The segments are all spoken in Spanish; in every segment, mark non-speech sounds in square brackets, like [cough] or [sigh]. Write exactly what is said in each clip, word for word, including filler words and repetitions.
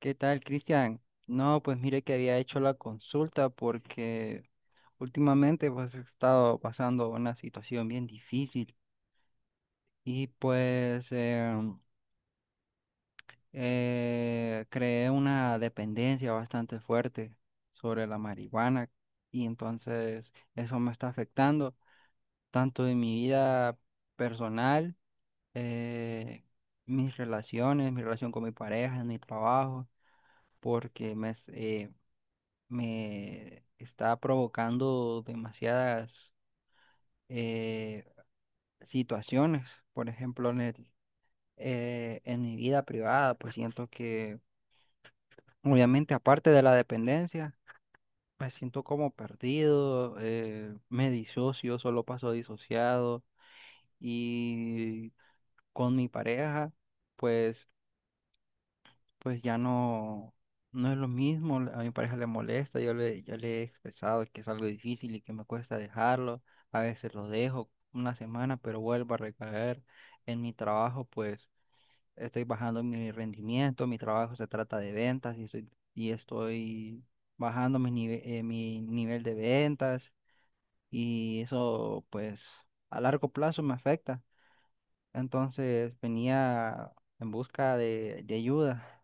¿Qué tal, Cristian? No, pues mire que había hecho la consulta porque últimamente pues he estado pasando una situación bien difícil y pues em, eh, creé una dependencia bastante fuerte sobre la marihuana y entonces eso me está afectando tanto en mi vida personal, eh, mis relaciones, mi relación con mi pareja, en mi trabajo, porque me, me está provocando demasiadas eh, situaciones. Por ejemplo, en el, eh, en mi vida privada, pues siento que, obviamente, aparte de la dependencia, me siento como perdido, eh, me disocio, solo paso disociado y con mi pareja. Pues pues ya no, no es lo mismo, a mi pareja le molesta, yo le, yo le he expresado que es algo difícil y que me cuesta dejarlo. A veces lo dejo una semana, pero vuelvo a recaer. En mi trabajo, pues estoy bajando mi rendimiento. Mi trabajo se trata de ventas y estoy, y estoy bajando mi nive- eh, mi nivel de ventas y eso pues a largo plazo me afecta. Entonces venía en busca de, de ayuda.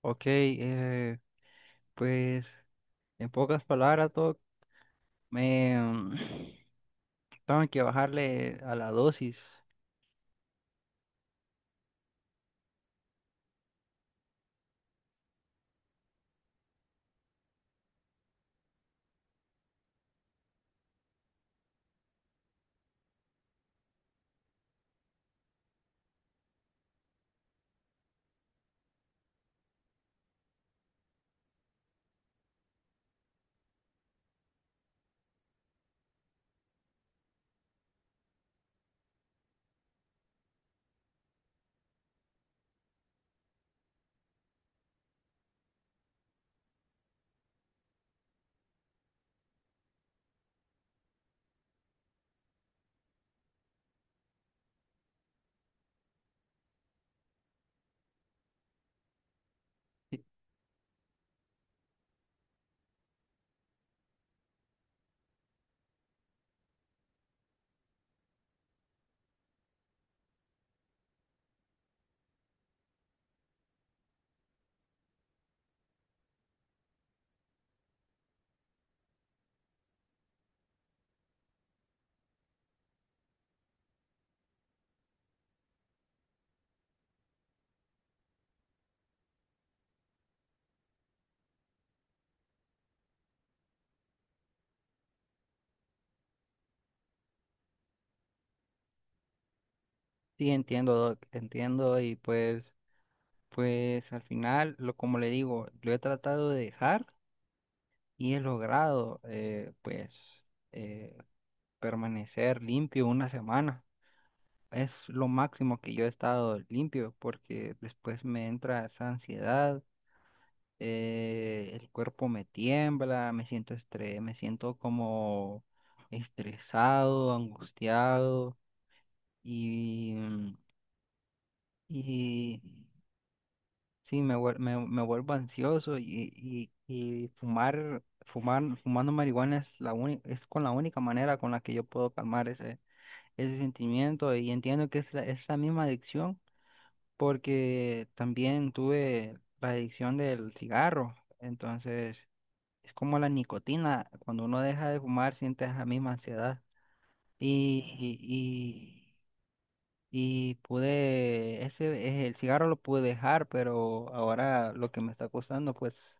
Ok, eh, pues en pocas palabras, Doc, me mm, [sniffs] tengo que bajarle a la dosis. Sí, sí, entiendo, Doc, entiendo y pues, pues al final, lo como le digo, lo he tratado de dejar y he logrado, eh, pues, eh, permanecer limpio una semana. Es lo máximo que yo he estado limpio porque después me entra esa ansiedad. Eh, el cuerpo me tiembla, me siento estre- me siento como estresado, angustiado y, mm, y sí, me, vuel- me, me vuelvo ansioso y, y, y fumar, fumar, fumando marihuana es la única, es con la única manera con la que yo puedo calmar ese, ese sentimiento. Y entiendo que es la, es la misma adicción porque también tuve la adicción del cigarro. Entonces... Es como la nicotina, cuando uno deja de fumar siente esa misma ansiedad. Y, y, y, y pude, ese, eh, el cigarro lo pude dejar, pero ahora lo que me está costando pues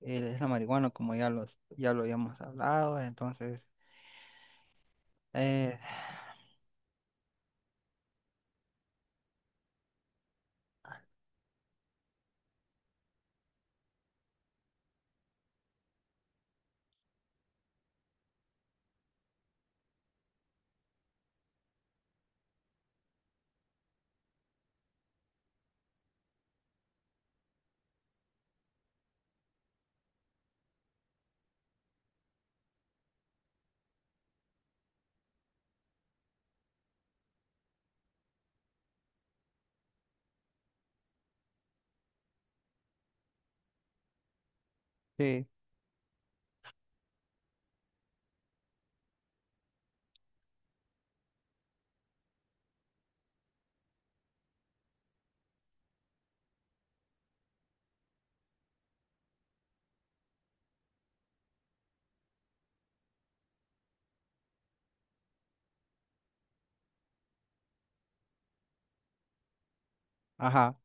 eh, es la marihuana, como ya, los, ya lo habíamos hablado, entonces, eh, sí, ajá.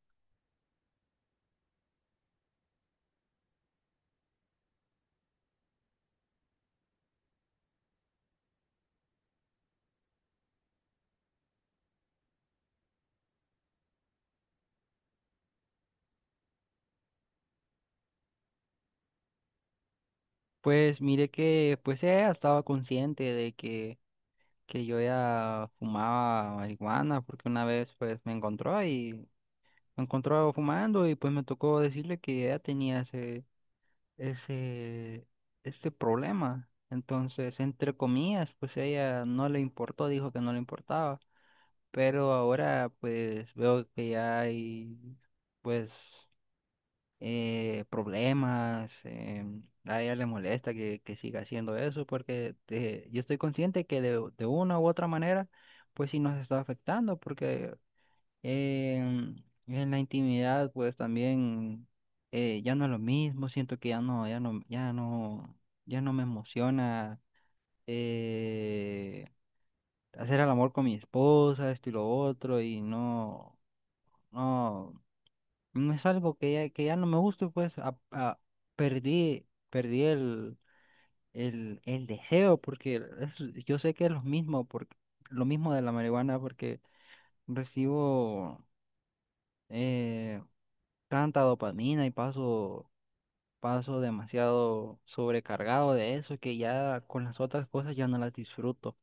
Pues mire que pues ella estaba consciente de que, que yo ya fumaba marihuana, porque una vez pues me encontró y me encontraba fumando y pues me tocó decirle que ella tenía ese, ese, este problema. Entonces, entre comillas, pues ella no le importó, dijo que no le importaba. Pero ahora pues veo que ya hay pues eh, problemas. Em, a ella le molesta que, que siga haciendo eso porque eh, yo estoy consciente que de, de una u otra manera pues sí nos está afectando porque Em, en la intimidad, pues también eh, ya no es lo mismo. Siento que ya no, ya no, ya no, ya no me emociona eh, hacer el amor con mi esposa, esto y lo otro, y no, no, no es algo que ya, que ya no me guste. Pues a- a- perdí, perdí el, el, el deseo, porque es- yo sé que es lo mismo, porque lo mismo de la marihuana, porque recibo eh, tanta dopamina y paso, paso demasiado sobrecargado de eso que ya con las otras cosas ya no las disfruto.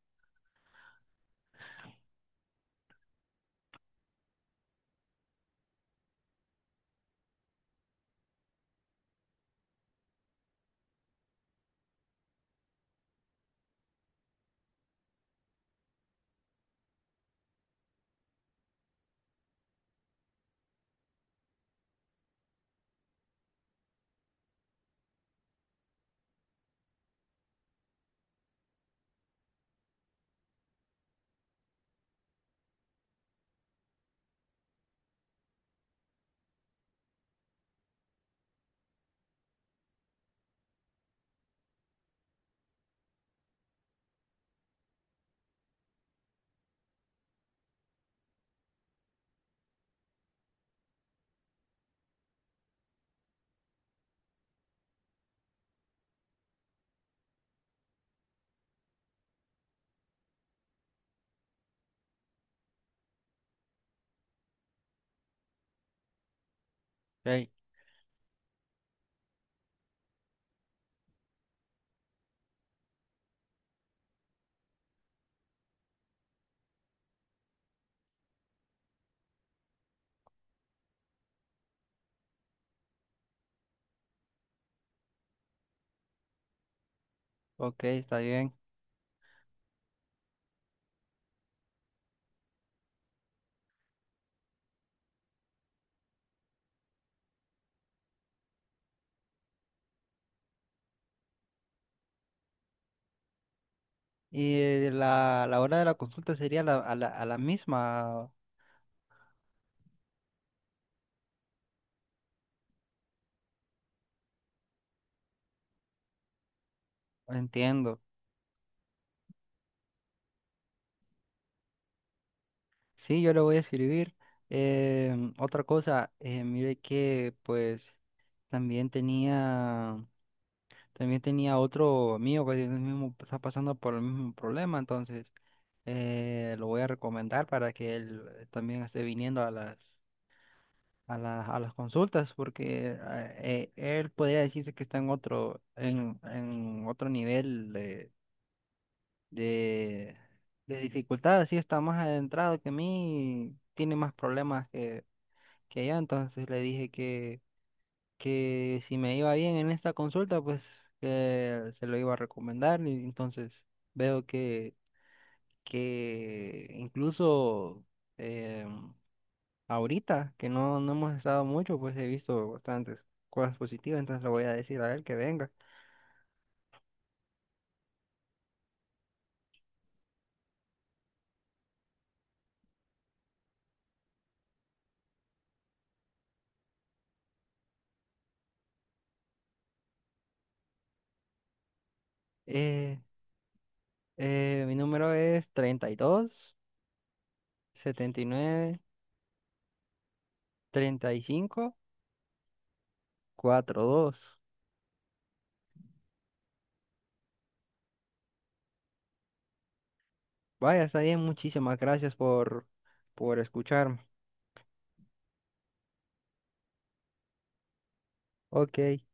Ok, ok, está bien. Y eh, la, la hora de la consulta sería la- a la, a la misma. Entiendo. Sí, yo le voy a escribir. Em, otra cosa, eh, mire que pues también tenía... también tenía otro mío que tiene el mismo- está pasando por el mismo problema. Entonces eh, lo voy a recomendar para que él también esté viniendo a las, a las, a las consultas, porque ah, eh, él podría decirse que está en otro, en, en otro nivel de, de, de dificultad, así está más adentrado que mí, tiene más problemas que, que yo. Entonces le dije que que si me iba bien en esta consulta, pues que se lo iba a recomendar. Y entonces veo que, que incluso em, ahorita, que no, no hemos estado mucho, pues he visto bastantes cosas positivas, entonces le voy a decir a él que venga. Eh, eh, mi número es treinta y dos, setenta y nueve, treinta y cinco, dos. Vaya, está bien, muchísimas gracias por, por escucharme. Ok.